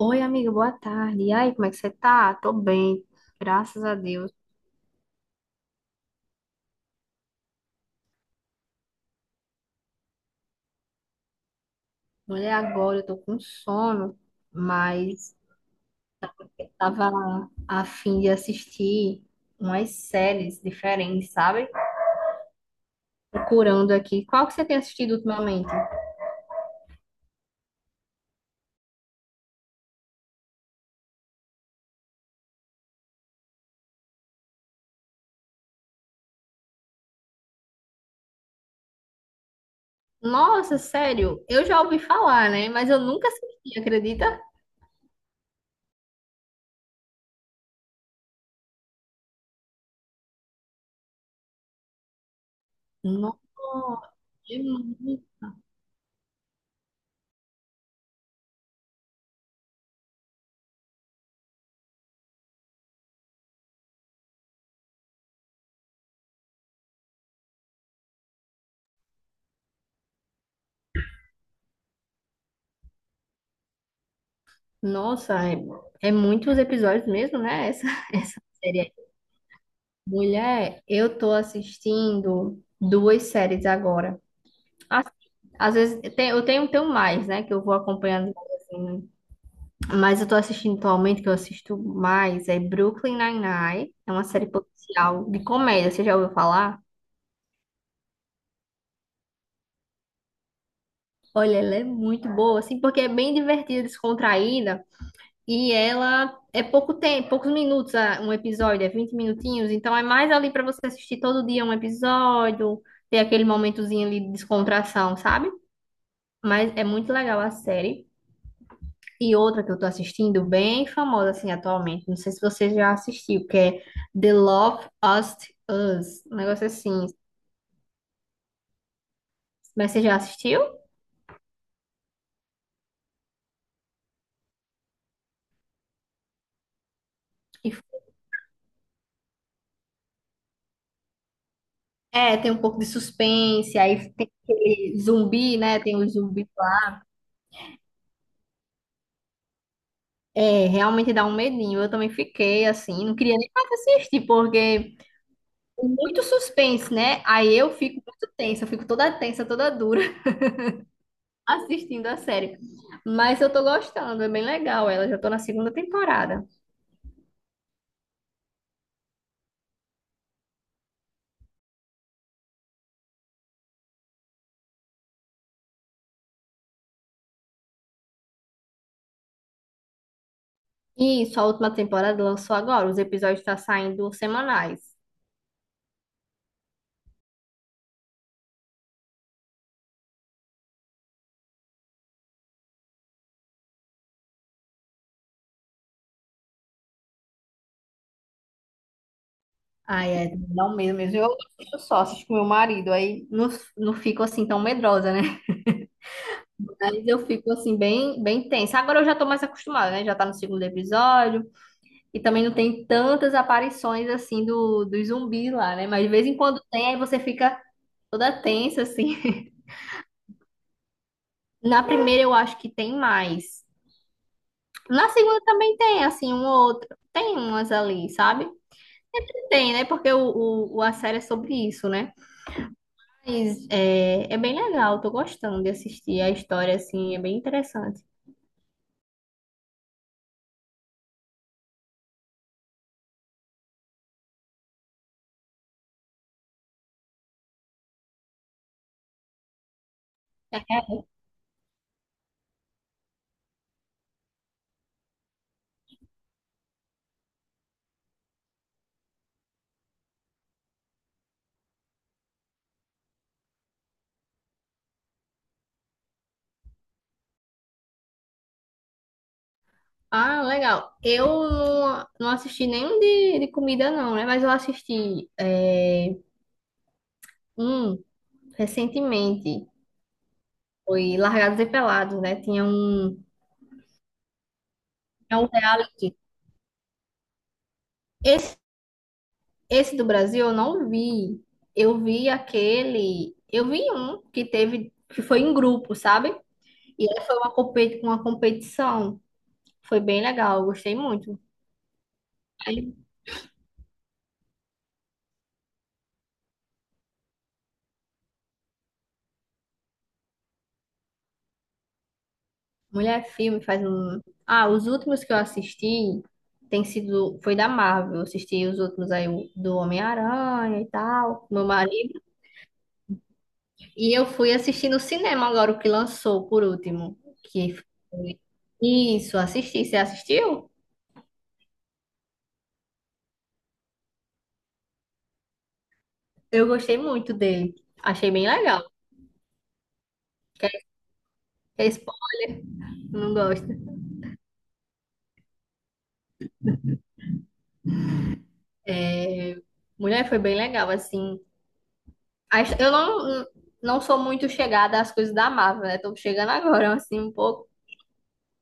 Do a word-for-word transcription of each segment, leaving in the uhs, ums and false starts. Oi, amiga, boa tarde. E aí, como é que você tá? Tô bem, graças a Deus. Olha, agora eu tô com sono, mas eu tava a fim de assistir umas séries diferentes, sabe? Procurando aqui. Qual que você tem assistido ultimamente? Nossa, sério, eu já ouvi falar, né? Mas eu nunca assisti, acredita? Nossa, é muito- Nossa, é, é muitos episódios mesmo, né? Essa, essa série. Mulher, eu tô assistindo duas séries agora. Assim, às vezes eu tenho, eu tenho, tenho mais, né? Que eu vou acompanhando, assim, mas eu tô assistindo atualmente, que eu assisto mais, é Brooklyn Nine-Nine. É uma série policial de comédia, você já ouviu falar? Olha, ela é muito boa, assim, porque é bem divertida, descontraída, e ela é pouco tempo, poucos minutos ah, um episódio, é vinte minutinhos, então é mais ali pra você assistir todo dia um episódio, ter aquele momentozinho ali de descontração, sabe? Mas é muito legal a série. E outra que eu tô assistindo, bem famosa assim atualmente, não sei se você já assistiu, que é The Love Us Us, um negócio assim. Mas você já assistiu? E- É, tem um pouco de suspense, aí tem aquele zumbi, né? Tem o zumbi. É, realmente dá um medinho. Eu também fiquei assim, não queria nem mais assistir, porque tem muito suspense, né? Aí eu fico muito tensa, eu fico toda tensa, toda dura, assistindo a série. Mas eu tô gostando, é bem legal ela. Já tô na segunda temporada. E isso, a última temporada lançou agora. Os episódios estão saindo semanais. Ai, é, não mesmo, mesmo. Eu assisto só, assisto com meu marido, aí não, não fico assim tão medrosa, né? Mas eu fico assim bem, bem tensa. Agora eu já tô mais acostumada, né? Já tá no segundo episódio e também não tem tantas aparições assim do, do zumbi lá, né? Mas de vez em quando tem, aí você fica toda tensa assim. Na primeira eu acho que tem mais. Na segunda também tem, assim, um ou outro. Tem umas ali, sabe? Tem, né? Porque o, o, o- a série é sobre isso, né? Mas é, é bem legal, tô gostando de assistir a história, assim, é bem interessante. É. Ah, legal. Eu não, não assisti nenhum de, de comida, não, né? Mas eu assisti é, um recentemente. Foi Largados e Pelados, né? Tinha um, tinha um reality. Esse Esse do Brasil eu não vi. Eu vi aquele. Eu vi um que teve, que foi em grupo, sabe? E aí foi uma, competi uma competição. Foi bem legal, eu gostei muito. Aí, mulher, filme faz um. Ah, os últimos que eu assisti tem sido. Foi da Marvel. Eu assisti os últimos aí o- do Homem-Aranha e tal, meu marido. E eu fui assistir no cinema agora o que lançou por último. Que foi... Isso, assisti. Você assistiu? Eu gostei muito dele. Achei bem legal. Que é esse ponto que eu não gosto. É, mulher, foi bem legal, assim. A his- Eu não, não sou muito chegada às coisas da Marvel, né? Tô chegando agora, assim, um pouco.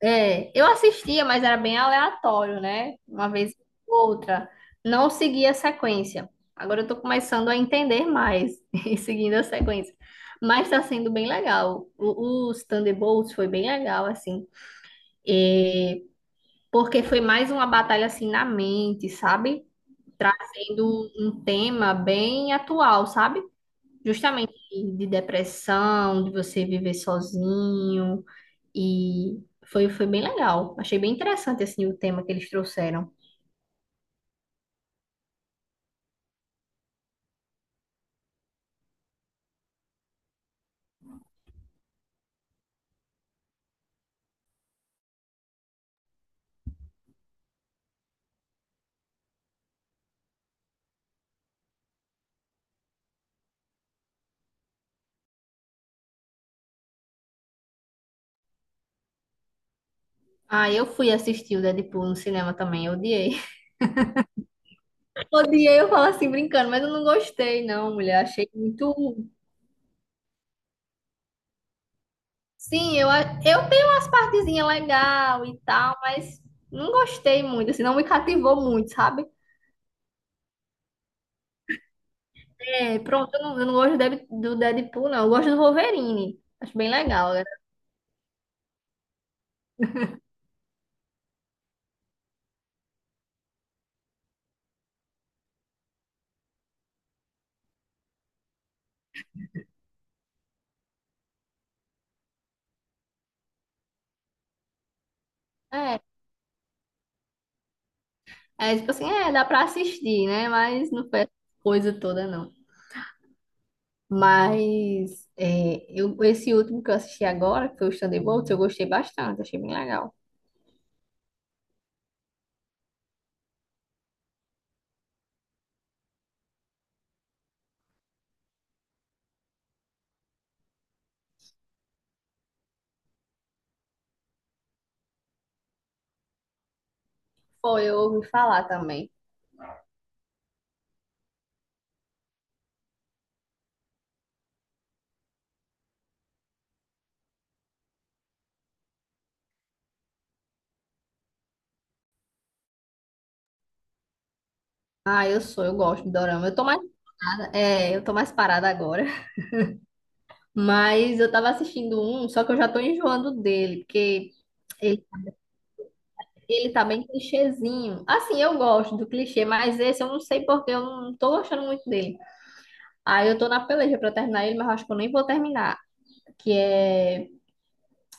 É, eu assistia, mas era bem aleatório, né? Uma vez ou outra. Não seguia a sequência. Agora eu tô começando a entender mais e seguindo a sequência. Mas tá sendo bem legal. O, os Thunderbolts foi bem legal, assim. É, porque foi mais uma batalha assim na mente, sabe? Trazendo um tema bem atual, sabe? Justamente de depressão, de você viver sozinho e foi, foi bem legal. Achei bem interessante assim o tema que eles trouxeram. Ah, eu fui assistir o Deadpool no cinema também, eu odiei. Odiei, eu falo assim brincando, mas eu não gostei não, mulher, achei muito. Sim, eu, a- eu tenho umas partezinhas legais e tal, mas não gostei muito, assim, não me cativou muito, sabe? É, pronto, eu não, eu não gosto do Deb- do Deadpool, não. Eu gosto do Wolverine. Acho bem legal, né? É, é tipo assim, é, dá pra assistir, né? Mas não foi essa coisa toda, não. Mas é, eu, esse último que eu assisti agora, que foi o Thunderbolts, eu gostei bastante, achei bem legal. Foi, eu ouvi falar também. Ah, eu sou, eu gosto de dorama. Eu tô mais parada, é, eu tô mais parada agora. Mas eu tava assistindo um, só que eu já tô enjoando dele, porque ele ele tá bem clichêzinho. Assim, eu gosto do clichê, mas esse eu não sei porque eu não tô gostando muito dele. Aí eu tô na peleja pra terminar ele, mas eu acho que eu nem vou terminar. Que é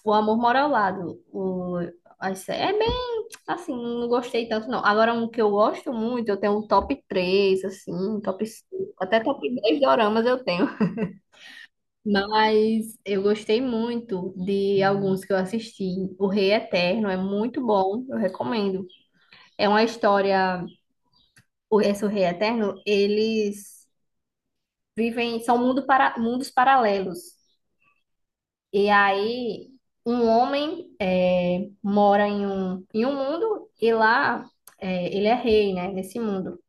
O Amor Mora ao Lado. O... a sé- é bem assim, não gostei tanto, não. Agora, um que eu gosto muito, eu tenho um top três, assim, um top cinco, até top dez doramas eu tenho. Mas eu gostei muito de alguns que eu assisti. O Rei Eterno é muito bom, eu recomendo. É uma história. O, esse o Rei Eterno, eles vivem, são mundo para, mundos paralelos. E aí, um homem é, mora em um, em um mundo e lá é, ele é rei, né, nesse mundo.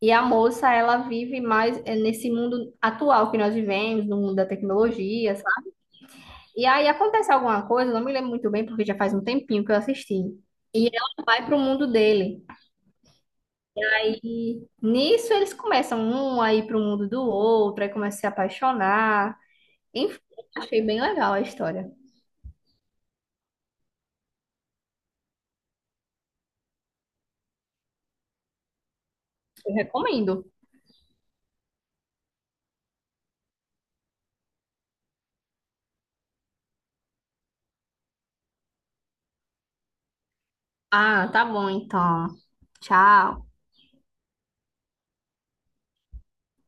E a moça, ela vive mais é, nesse mundo atual que nós vivemos, no mundo da tecnologia, sabe? E aí acontece alguma coisa, eu não me lembro muito bem, porque já faz um tempinho que eu assisti. E ela vai pro mundo dele. E nisso eles começam um a ir pro mundo do outro, aí começa a se apaixonar. Enfim, achei bem legal a história. Eu recomendo. Ah, tá bom então. Tchau.